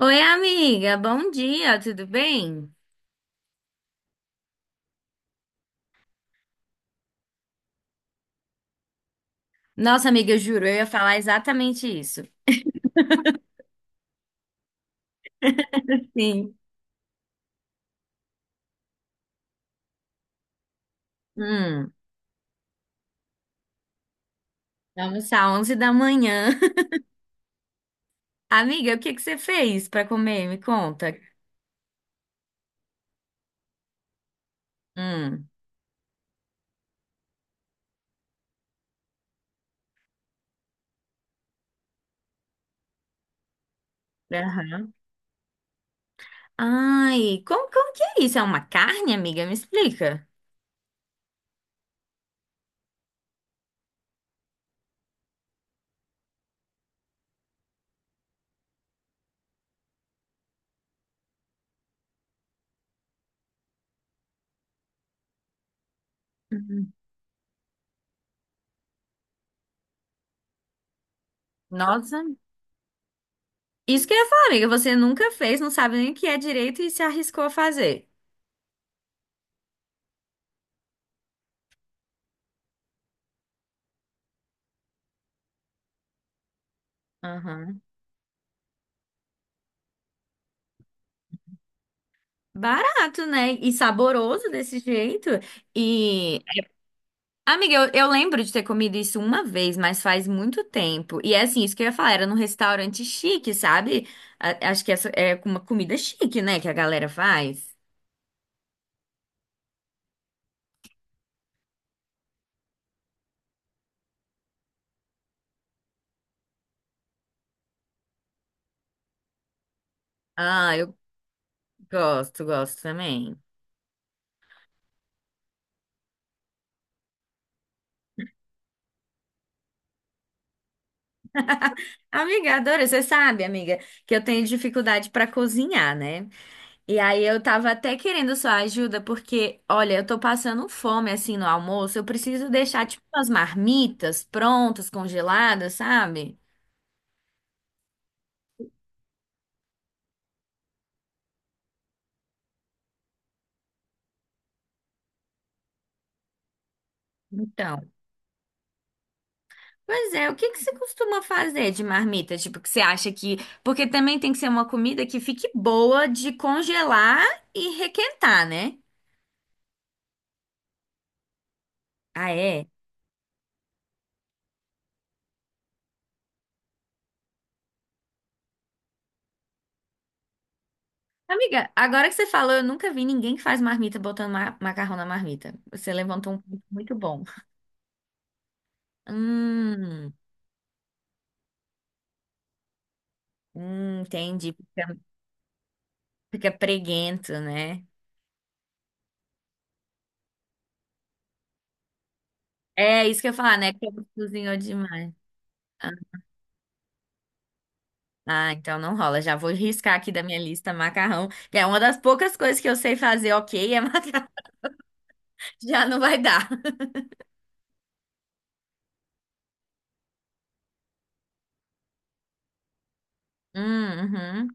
Oi, amiga, bom dia, tudo bem? Nossa, amiga, eu juro, eu ia falar exatamente isso. Sim. Hum, vamos às 11 da manhã. Amiga, o que que você fez pra comer? Me conta. Hum, aham. Ai, como que é isso? É uma carne, amiga? Me explica. Uhum. Nossa, isso que eu ia falar, amiga, você nunca fez, não sabe nem o que é direito e se arriscou a fazer. Aham. Barato, né? E saboroso desse jeito. E Amiga, eu lembro de ter comido isso uma vez, mas faz muito tempo. E é assim, isso que eu ia falar, era num restaurante chique, sabe? Acho que essa é uma comida chique, né, que a galera faz. Ah, eu gosto, gosto também. Amiga, adoro. Você sabe, amiga, que eu tenho dificuldade pra cozinhar, né? E aí eu tava até querendo sua ajuda, porque, olha, eu tô passando fome assim no almoço. Eu preciso deixar, tipo, umas marmitas prontas, congeladas, sabe? Então. Pois é, o que que você costuma fazer de marmita? Tipo, que você acha que. Porque também tem que ser uma comida que fique boa de congelar e requentar, né? Ah, é? Amiga, agora que você falou, eu nunca vi ninguém que faz marmita botando macarrão na marmita. Você levantou um ponto muito bom. Hum, entendi. Fica preguento, né? É isso que eu ia falar, né? Que eu cozinhou demais. Ah, então não rola. Já vou riscar aqui da minha lista macarrão, que é uma das poucas coisas que eu sei fazer, ok, é macarrão. Já não vai dar. Uhum.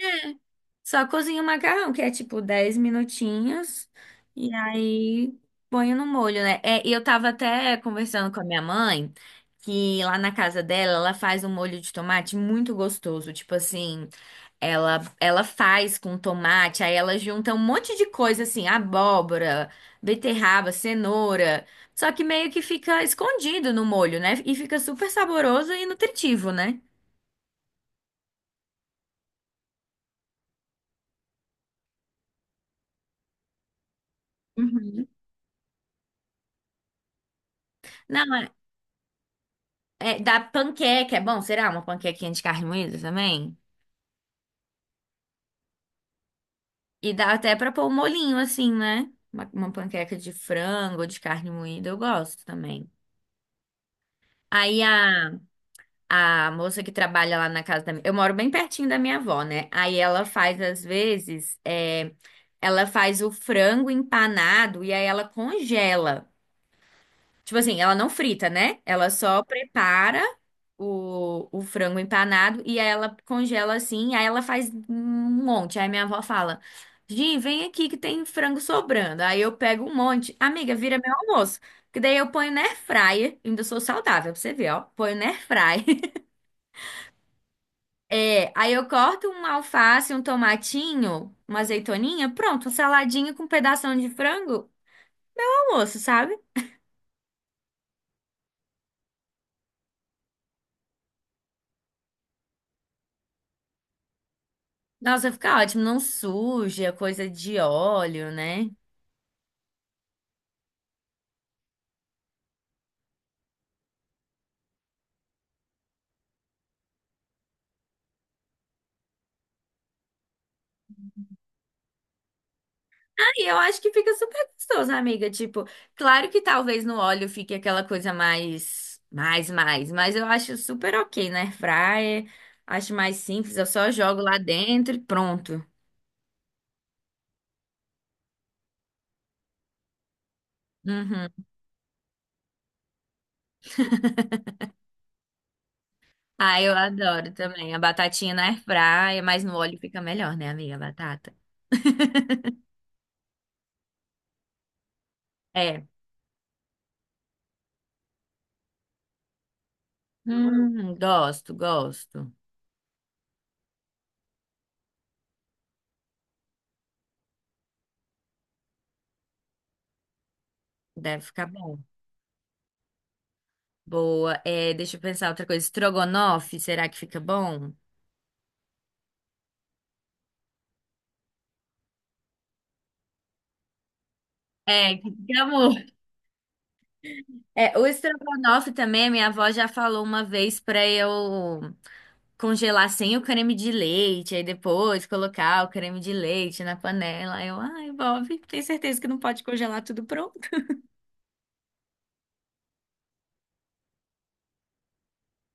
É, só cozinha o macarrão, que é tipo 10 minutinhos, e aí põe no molho, né? É, e eu tava até conversando com a minha mãe, que lá na casa dela, ela faz um molho de tomate muito gostoso. Tipo assim, ela faz com tomate, aí ela junta um monte de coisa assim, abóbora, beterraba, cenoura. Só que meio que fica escondido no molho, né? E fica super saboroso e nutritivo, né? Uhum. Não, dá panqueca, é bom, será? Uma panquequinha de carne moída também? E dá até pra pôr um molhinho assim, né? Uma panqueca de frango ou de carne moída, eu gosto também. Aí a moça que trabalha lá na casa da minha... Eu moro bem pertinho da minha avó, né? Aí ela faz, às vezes, ela faz o frango empanado e aí ela congela. Tipo assim, ela não frita, né? Ela só prepara o frango empanado e aí ela congela assim, aí ela faz um monte. Aí minha avó fala: Gi, vem aqui que tem frango sobrando. Aí eu pego um monte. Amiga, vira meu almoço. Que daí eu ponho na air fryer, ainda sou saudável, pra você ver, ó. Ponho na air fryer. É, aí eu corto uma alface, um tomatinho, uma azeitoninha, pronto, saladinha com um pedação de frango, almoço, sabe? Nossa, fica ótimo, não suja, coisa de óleo, né? Ah, e eu acho que fica super gostoso, amiga. Tipo, claro que talvez no óleo fique aquela coisa mais, mais, mais, mas eu acho super ok na airfryer. Acho mais simples, eu só jogo lá dentro e pronto. Uhum. Ah, eu adoro também. A batatinha na airfryer, mas no óleo fica melhor, né, amiga? A batata. É. Gosto, gosto. Deve ficar bom. Boa. É, deixa eu pensar outra coisa. Estrogonofe, será que fica bom? É, que amor. É, o estrogonofe também, minha avó já falou uma vez pra eu congelar sem o creme de leite, aí depois colocar o creme de leite na panela. Aí Eu, ai, Bob, tenho certeza que não pode congelar tudo pronto.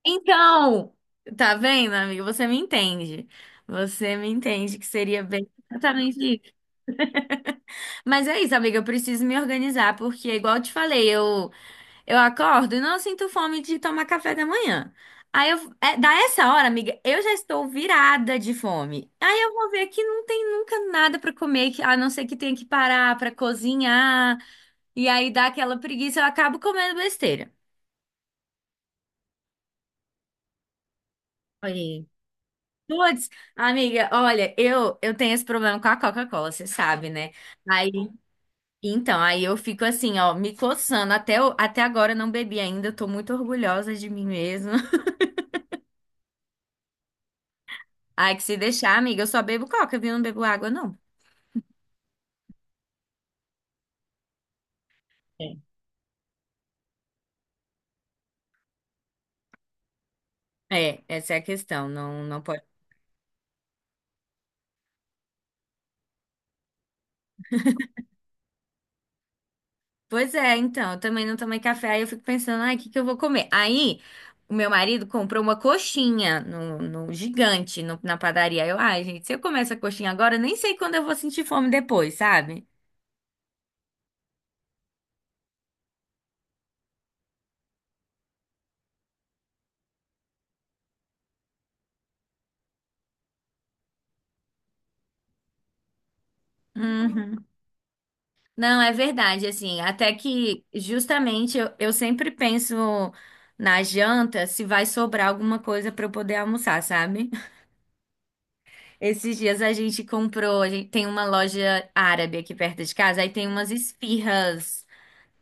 Então, tá vendo, amiga? Você me entende. Você me entende que seria bem exatamente isso. Mas é isso, amiga, eu preciso me organizar, porque, igual eu te falei, Eu acordo e não sinto fome de tomar café da manhã. Aí eu, dá essa hora, amiga, eu já estou virada de fome. Aí eu vou ver que não tem nunca nada para comer, a não ser que tenha que parar para cozinhar. E aí dá aquela preguiça, eu acabo comendo besteira. Aí. Puts, amiga, olha, eu tenho esse problema com a Coca-Cola, você sabe, né? Aí, então, aí eu fico assim, ó, me coçando. Até, até agora eu não bebi ainda, eu tô muito orgulhosa de mim mesma. Ai, que se deixar, amiga, eu só bebo coca, viu? Eu não bebo água, não. É. É, essa é a questão, não, não pode. Pois é, então, eu também não tomei café, aí eu fico pensando, ai, o que que eu vou comer? Aí, o meu marido comprou uma coxinha no gigante, na padaria. Eu, ai, gente, se eu comer essa coxinha agora, eu nem sei quando eu vou sentir fome depois, sabe? Uhum. Não, é verdade, assim, até que justamente eu sempre penso na janta se vai sobrar alguma coisa pra eu poder almoçar, sabe? Esses dias a gente comprou, a gente tem uma loja árabe aqui perto de casa, aí tem umas esfirras,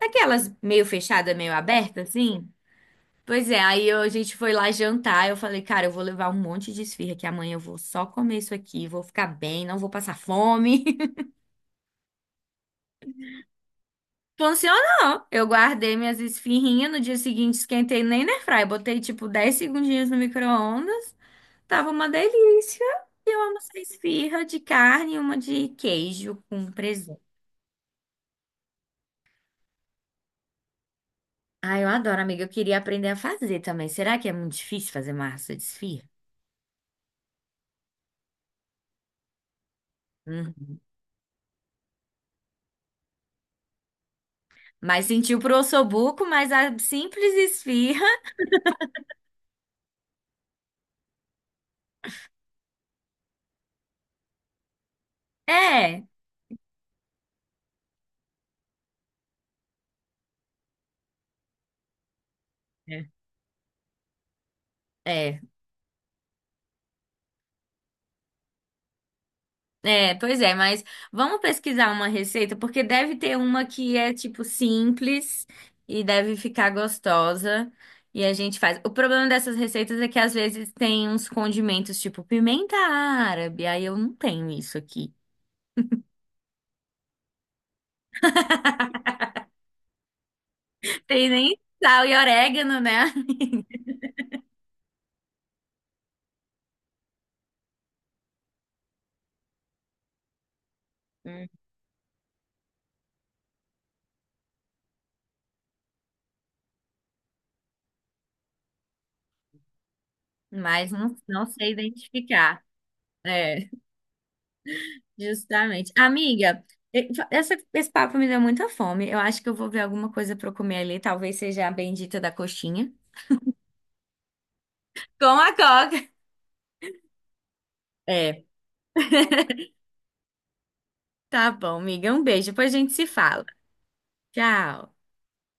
aquelas meio fechada, meio aberta, assim. Pois é, aí a gente foi lá jantar, eu falei, cara, eu vou levar um monte de esfirra, que amanhã eu vou só comer isso aqui, vou ficar bem, não vou passar fome. Funcionou! Eu guardei minhas esfirrinhas, no dia seguinte esquentei nem na airfryer, botei tipo 10 segundinhos no micro-ondas, tava uma delícia. E eu amo essa esfirra de carne e uma de queijo com presunto. Ah, eu adoro, amiga. Eu queria aprender a fazer também. Será que é muito difícil fazer massa de esfirra? Hum. Mas sentiu pro ossobuco, mas a simples esfirra é. É, Pois é, mas vamos pesquisar uma receita, porque deve ter uma que é tipo simples e deve ficar gostosa e a gente faz. O problema dessas receitas é que às vezes tem uns condimentos tipo pimenta árabe, aí eu não tenho isso aqui. Tem nem sal e orégano, né? Mas não sei identificar. É, justamente. Amiga, esse papo me deu muita fome. Eu acho que eu vou ver alguma coisa para comer ali. Talvez seja a bendita da coxinha. Com a coca. É, tá bom, amiga. Um beijo. Depois a gente se fala. Tchau.